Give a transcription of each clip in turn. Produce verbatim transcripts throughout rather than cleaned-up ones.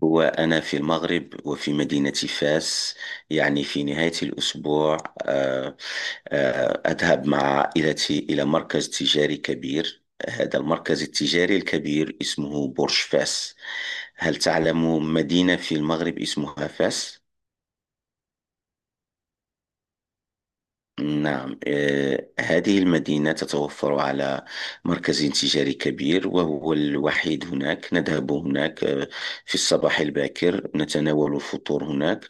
وأنا في المغرب وفي مدينة فاس، يعني في نهاية الأسبوع. آه، آه، أذهب مع عائلتي إلى مركز تجاري كبير. هذا المركز التجاري الكبير اسمه برج فاس. هل تعلم مدينة في المغرب اسمها فاس؟ نعم. آه، هذه المدينة تتوفر على مركز تجاري كبير وهو الوحيد هناك. نذهب هناك آه، في الصباح الباكر، نتناول الفطور هناك.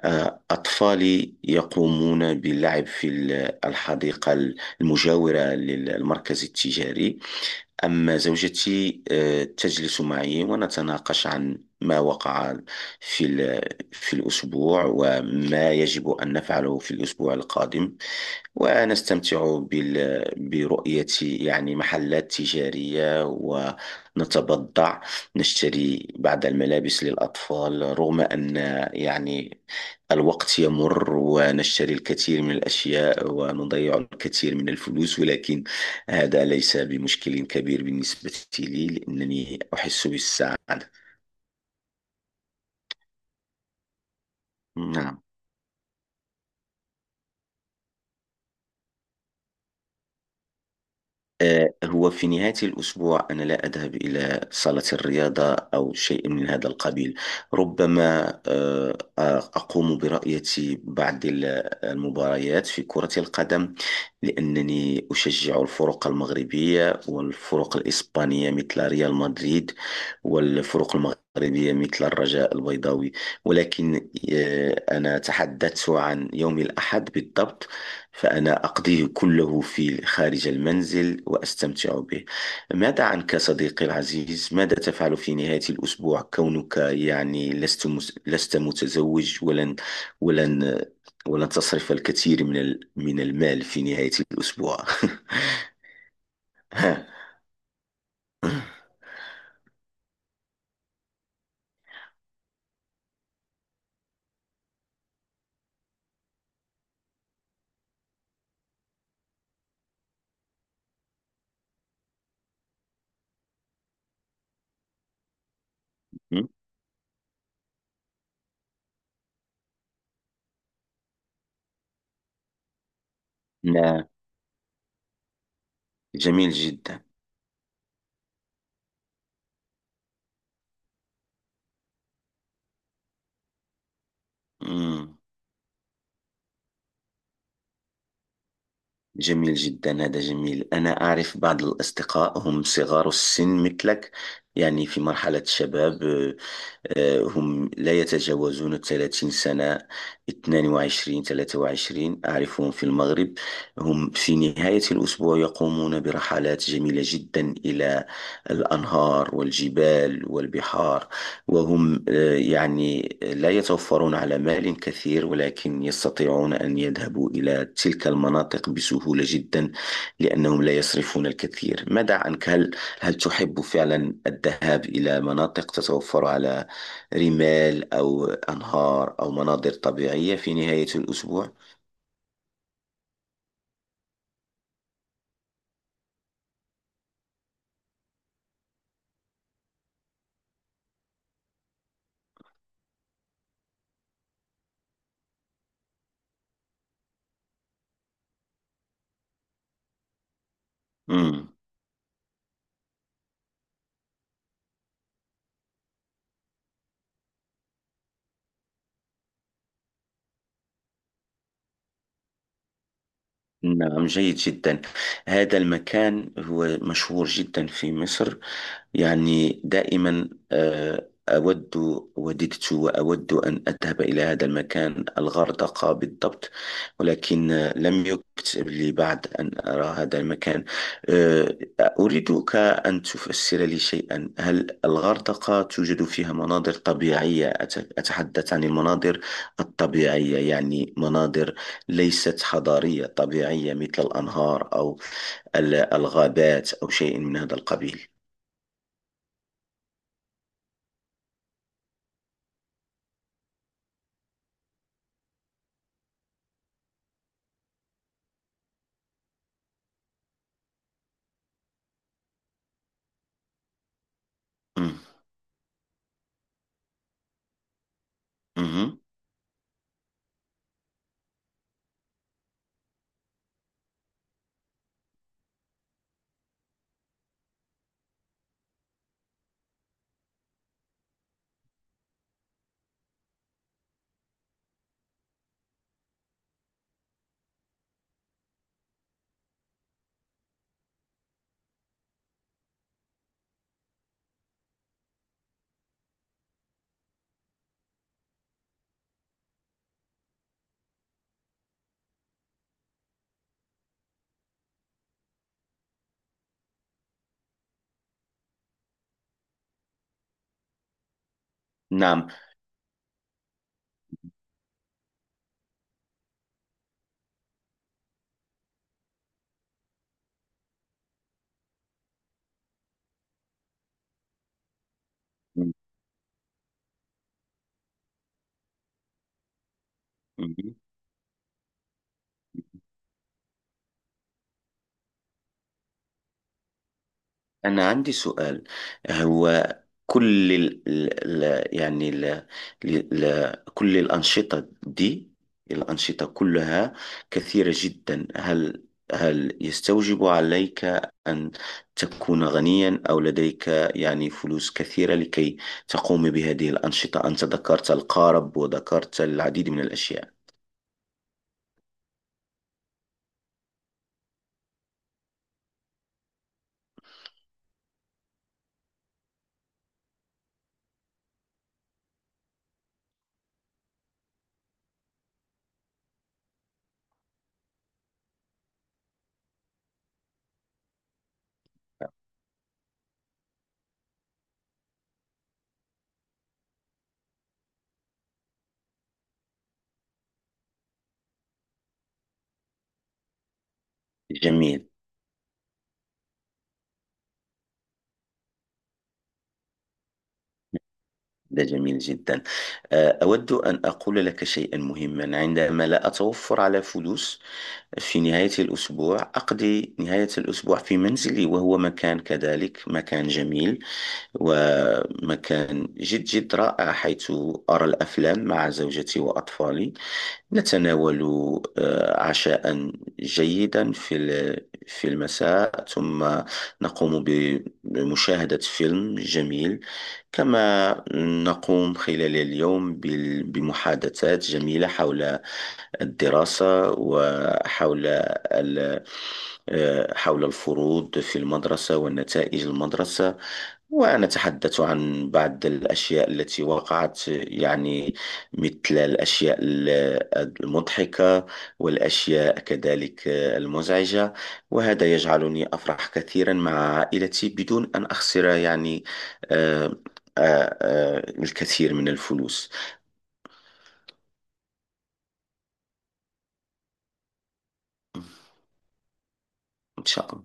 آه، أطفالي يقومون باللعب في ال- الحديقة المجاورة للمركز التجاري. أما زوجتي آه، تجلس معي ونتناقش عن ما وقع في ال- في الأسبوع، وما يجب أن نفعله في الأسبوع القادم. ونستمتع بال... برؤية يعني محلات تجارية، ونتبضع، نشتري بعض الملابس للأطفال، رغم أن، يعني، الوقت يمر ونشتري الكثير من الأشياء ونضيع الكثير من الفلوس، ولكن هذا ليس بمشكل كبير بالنسبة لي، لأنني أحس بالسعادة. نعم. آه، هو في نهاية الأسبوع أنا لا أذهب إلى صالة الرياضة أو شيء من هذا القبيل. ربما آه، آه، أقوم برؤية بعض ال- المباريات في كرة القدم، لأنني أشجع الفرق المغربية والفرق الإسبانية مثل ريال مدريد، والفرق المغربية مثل الرجاء البيضاوي. ولكن آه، أنا تحدثت عن يوم الأحد بالضبط، فأنا أقضيه كله في خارج المنزل وأستمتع به. ماذا عنك صديقي العزيز؟ ماذا تفعل في نهاية الأسبوع كونك يعني لست مس... لست متزوج، ولن ولن ولن تصرف الكثير من ال... من المال في نهاية الأسبوع؟ ها. لا، جميل جدا. مم. جميل جدا، هذا جميل. أنا أعرف بعض الأصدقاء، هم صغار السن مثلك، يعني في مرحلة الشباب. آه، هم لا يتجاوزون ثلاثين سنة، اتنين وعشرين، ثلاثة وعشرين، أعرفهم في المغرب. هم في نهاية الأسبوع يقومون برحلات جميلة جدا إلى الأنهار والجبال والبحار، وهم آه، يعني لا يتوفرون على مال كثير، ولكن يستطيعون أن يذهبوا إلى تلك المناطق بسهولة جدا، لأنهم لا يصرفون الكثير. ماذا عنك، هل هل تحب فعلا الذهاب إلى مناطق تتوفر على رمال أو أنهار أو مناظر طبيعية في نهاية الأسبوع؟ مم. نعم، جيد جدا. هذا المكان هو مشهور جدا في مصر، يعني دائما آه، أود، وددت وأود أن أذهب إلى هذا المكان، الغردقة بالضبط، ولكن آه، لم يكتب لي بعد أن أرى هذا المكان. آه، أريدك أن تفسر لي شيئا. هل الغردقة توجد فيها مناظر طبيعية؟ أت- أتحدث عن المناظر الطبيعية، يعني مناظر ليست حضارية، طبيعية، مثل الأنهار أو ال- الغابات أو شيء من هذا القبيل. مم. مم. نعم. مم. أنا عندي سؤال. هو كل ال ال ال- يعني ال ال ال- كل الأنشطة دي، الأنشطة كلها كثيرة جدا. هل هل يستوجب عليك أن تكون غنيا، أو لديك يعني فلوس كثيرة، لكي تقوم بهذه الأنشطة؟ أنت ذكرت القارب وذكرت العديد من الأشياء. جميل، ده جميل جدا. أه، أود أن أقول لك شيئا مهما. عندما لا أتوفر على فلوس في نهاية الأسبوع، أقضي نهاية الأسبوع في منزلي، وهو مكان كذلك مكان جميل، ومكان جد جد رائع، حيث أرى الأفلام مع زوجتي وأطفالي. نتناول آه، عشاء جيدا في ال- في المساء، ثم نقوم ب- بمشاهدة فيلم جميل. كما نقوم خلال اليوم بال- بمحادثات جميلة حول الدراسة، وحول ال- آه، حول الفروض في المدرسة ونتائج المدرسة، ونتحدث عن بعض الأشياء التي وقعت، يعني مثل الأشياء ال- المضحكة، والأشياء كذلك آه، المزعجة. وهذا يجعلني أفرح كثيرا مع عائلتي، بدون أن أخسر يعني آه، آه، آه، الكثير من الفلوس. إن شاء الله.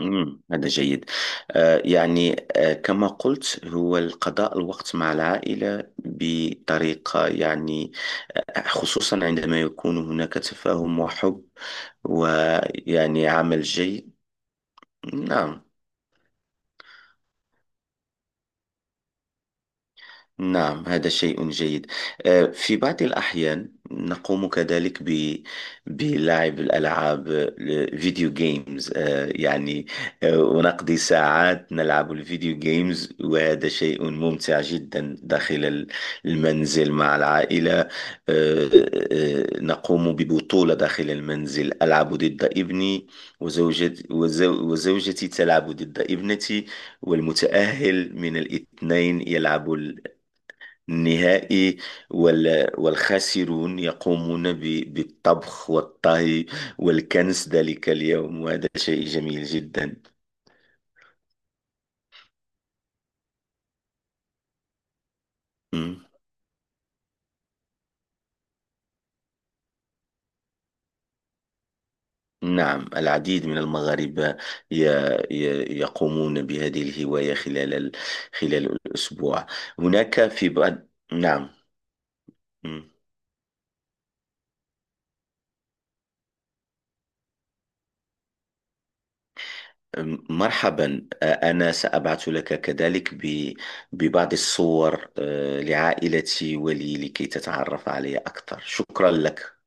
مم، هذا جيد. آه، يعني آه، كما قلت، هو القضاء الوقت مع العائلة بطريقة يعني آه، خصوصا عندما يكون هناك تفاهم وحب، ويعني عمل جيد. نعم. نعم، هذا شيء جيد. آه، في بعض الأحيان نقوم كذلك ب... بلعب الألعاب، الفيديو جيمز، آه، يعني آه، ونقضي ساعات نلعب الفيديو جيمز، وهذا شيء ممتع جدا داخل ال- المنزل مع العائلة. آه، آه، نقوم ببطولة داخل المنزل، ألعب ضد ابني وزوجتي، وزو... وزوجتي تلعب ضد ابنتي، والمتأهل من الاثنين يلعب نهائي، وال- والخاسرون يقومون ب- بالطبخ والطهي والكنس ذلك اليوم، وهذا شيء جميل جدا. مم. نعم، العديد من المغاربة ي- ي- يقومون بهذه الهواية خلال ال- خلال الأسبوع. هناك في بعض. نعم. مم. مرحبا. آه، أنا سأبعث لك كذلك ب- ببعض الصور آه، لعائلتي ولي، لكي تتعرف علي أكثر. شكرا لك.